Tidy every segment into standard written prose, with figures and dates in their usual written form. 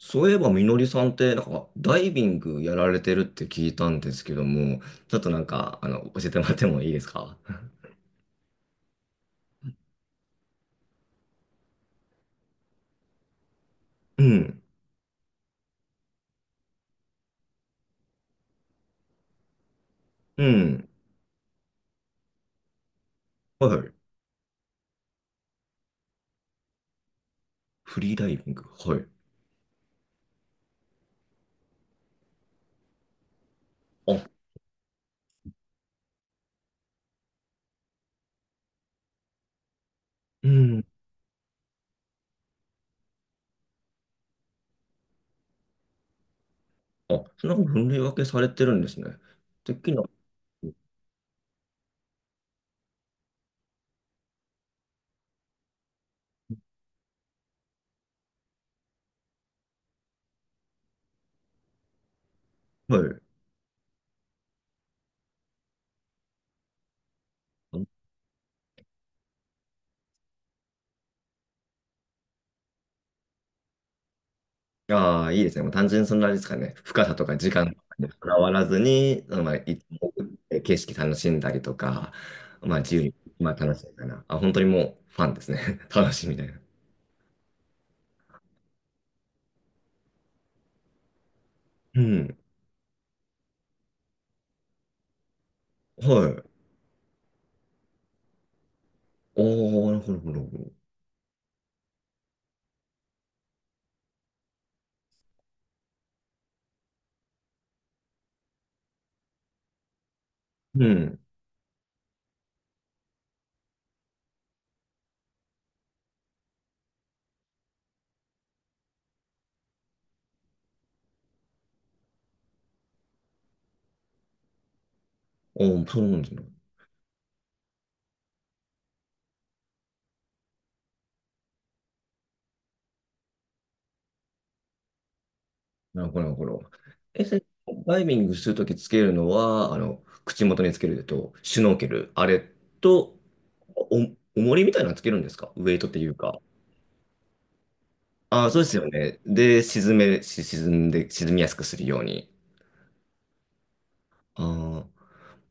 そういえば、みのりさんって、ダイビングやられてるって聞いたんですけども、ちょっと教えてもらってもいいですか？うん、うん、はい。フリーダイビング、はい。あ、うん、あ、そんな分類分けされてるんですね。てっきりな、はい。ああ、いいですね。もう単純にそんなあれですかね。深さとか時間とかにこだわらずに、まあ、い潜って景色楽しんだりとか、まあ、自由に、まあ、楽しいかな。あ、本当にもう、ファンですね。楽しみたいな。うん、はい。おー、なるほど、なるほど。うん。おー、そうなんですね。なるほど、なるほど。え、それ、ダイビングするときつけるのは、あの、口元につけると、シュノーケル、あれと、お、重りみたいなのつけるんですか？ウェイトっていうか。ああ、そうですよね。で、沈め、し沈んで、沈みやすくするように。ああ、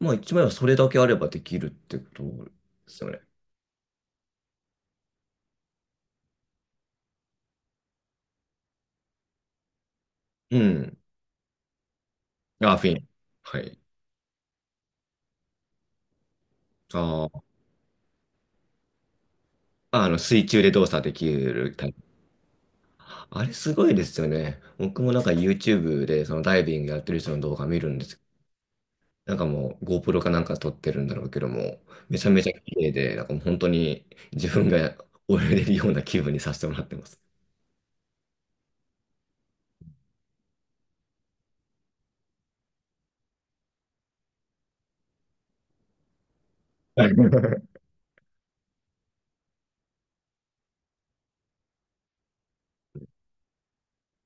まあ一枚はそれだけあればできるってことですよね。うん。ああ、フィン。はい。ああ、あの、水中で動作できる。あれすごいですよね。僕もYouTube でそのダイビングやってる人の動画見るんですけど、なんかもう GoPro かなんか撮ってるんだろうけども、めちゃめちゃ綺麗で、なんかもう本当に自分が泳いでるような気分にさせてもらってます。はい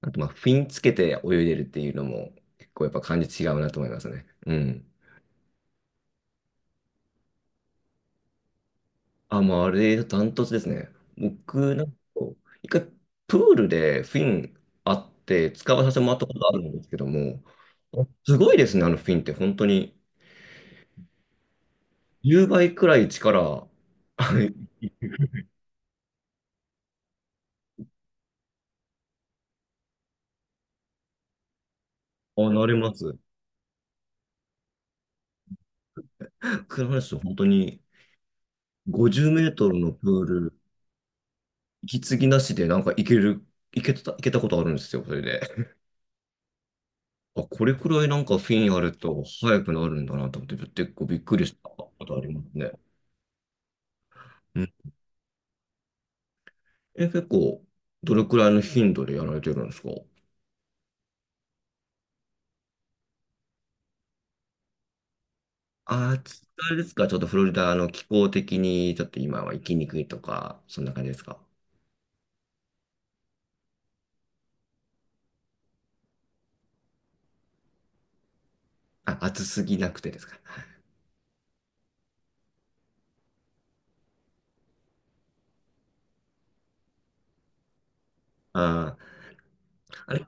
あとまあ、フィンつけて泳いでるっていうのも結構やっぱ感じ違うなと思いますね。うん。あ、もうあれ、ダントツですね。僕、なんか、一回、プールでフィンあって、使わさせてもらったことあるんですけども、すごいですね、あのフィンって、本当に。10倍くらい力、はい、あ、なれます。僕の話、本当に、50メートルのプール、息継ぎなしで、なんか、いける、いけたことあるんですよ、それで。あ、これくらいなんかフィンあると、速くなるんだなと思って、結構びっくりしたことありますね。え、結構、どれくらいの頻度でやられてるんですか？あー、つあれですか、ちょっとフロリダの気候的に、ちょっと今は行きにくいとか、そんな感じですか？あ、暑すぎなくてですか？ああー、あれ、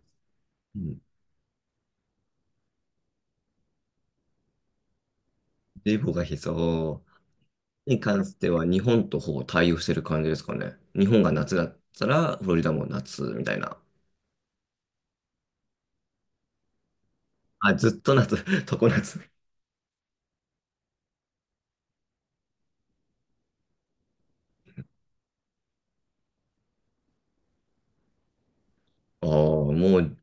うん、冷房が必要に関しては、日本とほぼ対応してる感じですかね。日本が夏だったら、フロリダも夏みたいな。あ、ずっと夏、常夏。ああ、う、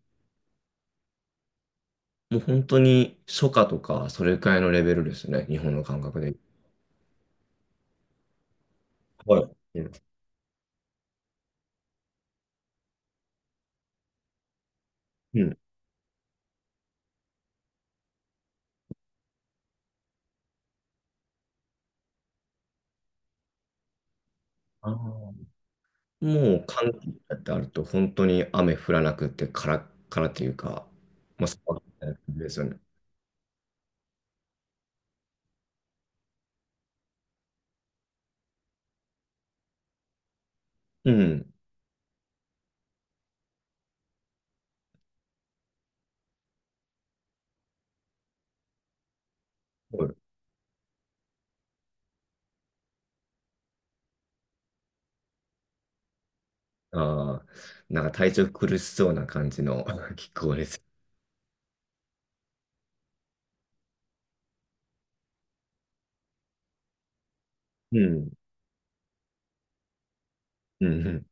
もう本当に初夏とか、それくらいのレベルですね、日本の感覚で。はい。うん。うん。ああ、もう寒気だってあると、本当に雨降らなくて、カラッカラっていうか、まあ、そうですよね。うん。そ、ああー、なんか体調苦しそうな感じの 気候です。うん。うん。うん。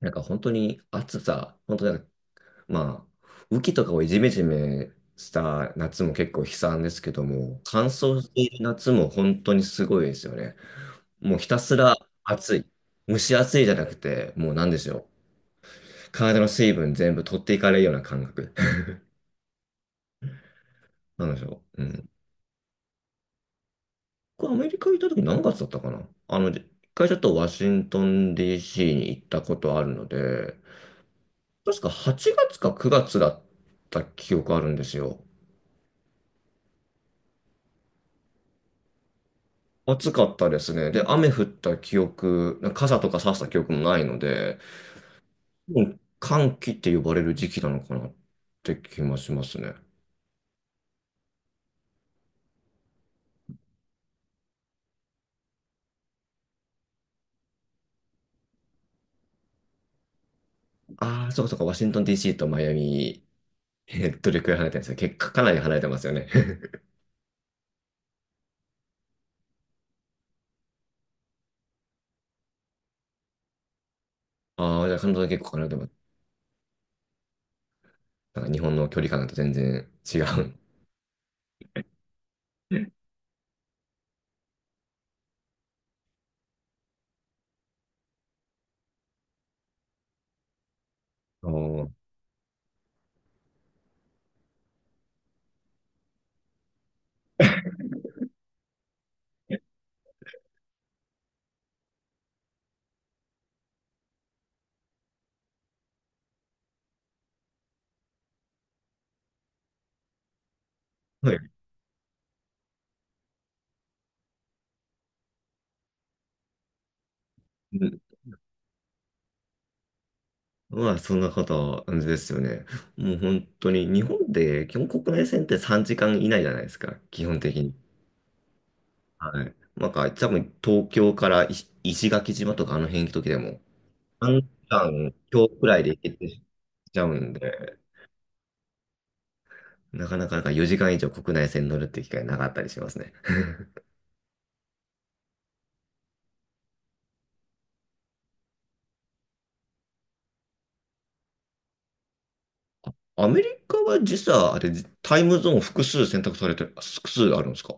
なんか本当に暑さ、本当なんか、まあ、雨季とかをジメジメした夏も結構悲惨ですけども、乾燥している夏も本当にすごいですよね。もうひたすら暑い。蒸し暑いじゃなくて、もうなんでしょう。体の水分全部取っていかれるような感覚。なんでしょう。うん。僕、アメリカ行った時何月だったかな？あの、一回ちょっとワシントン DC に行ったことあるので、確か8月か9月だった記憶あるんですよ。暑かったですね。で、雨降った記憶、傘とか差した記憶もないので、もう寒気って呼ばれる時期なのかなって気もしますね。ああ、そうかそうか、ワシントン DC とマイアミ、えーどれくらい離れてるんですか？結構かなり離れてますよね。ああ、じゃあカナダも、なんか日本の距離感だと全然違う。おー、はい。うん。まあ、そんな方ですよね。もう本当に、日本って基本国内線って3時間以内じゃないですか、基本的に。はい。なんか、多分東京から石垣島とかあの辺行く時でも、3時間今日くらいで行けてしちゃうんで、なかなか4時間以上国内線乗るって機会なかったりしますね。アメリカは実は、あれ、タイムゾーン複数選択されて、複数あるんですか？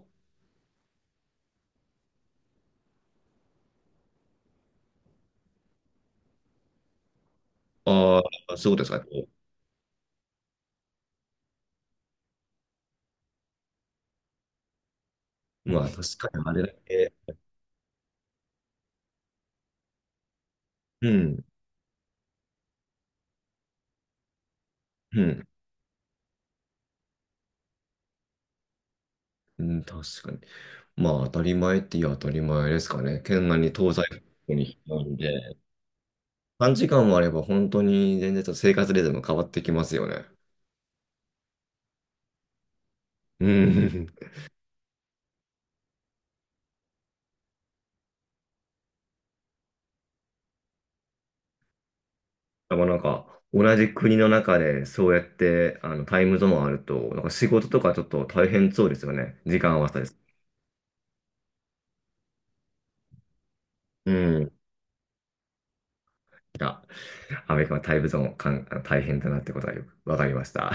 ああ、そういうことですか。こうまあ、確かにあれだけ。うん、うん、うん、確かに。まあ、当たり前って言う当たり前ですかね。県外に東西方向になんで、短時間もあれば本当に全然ちょっと生活リズム変わってきますよね。うん。なかなんか、同じ国の中でそうやってあのタイムゾーンあると、なんか仕事とかちょっと大変そうですよね。時間合わせです。うん。いや、アメリカはタイムゾーンかん大変だなってことがよくわかりました。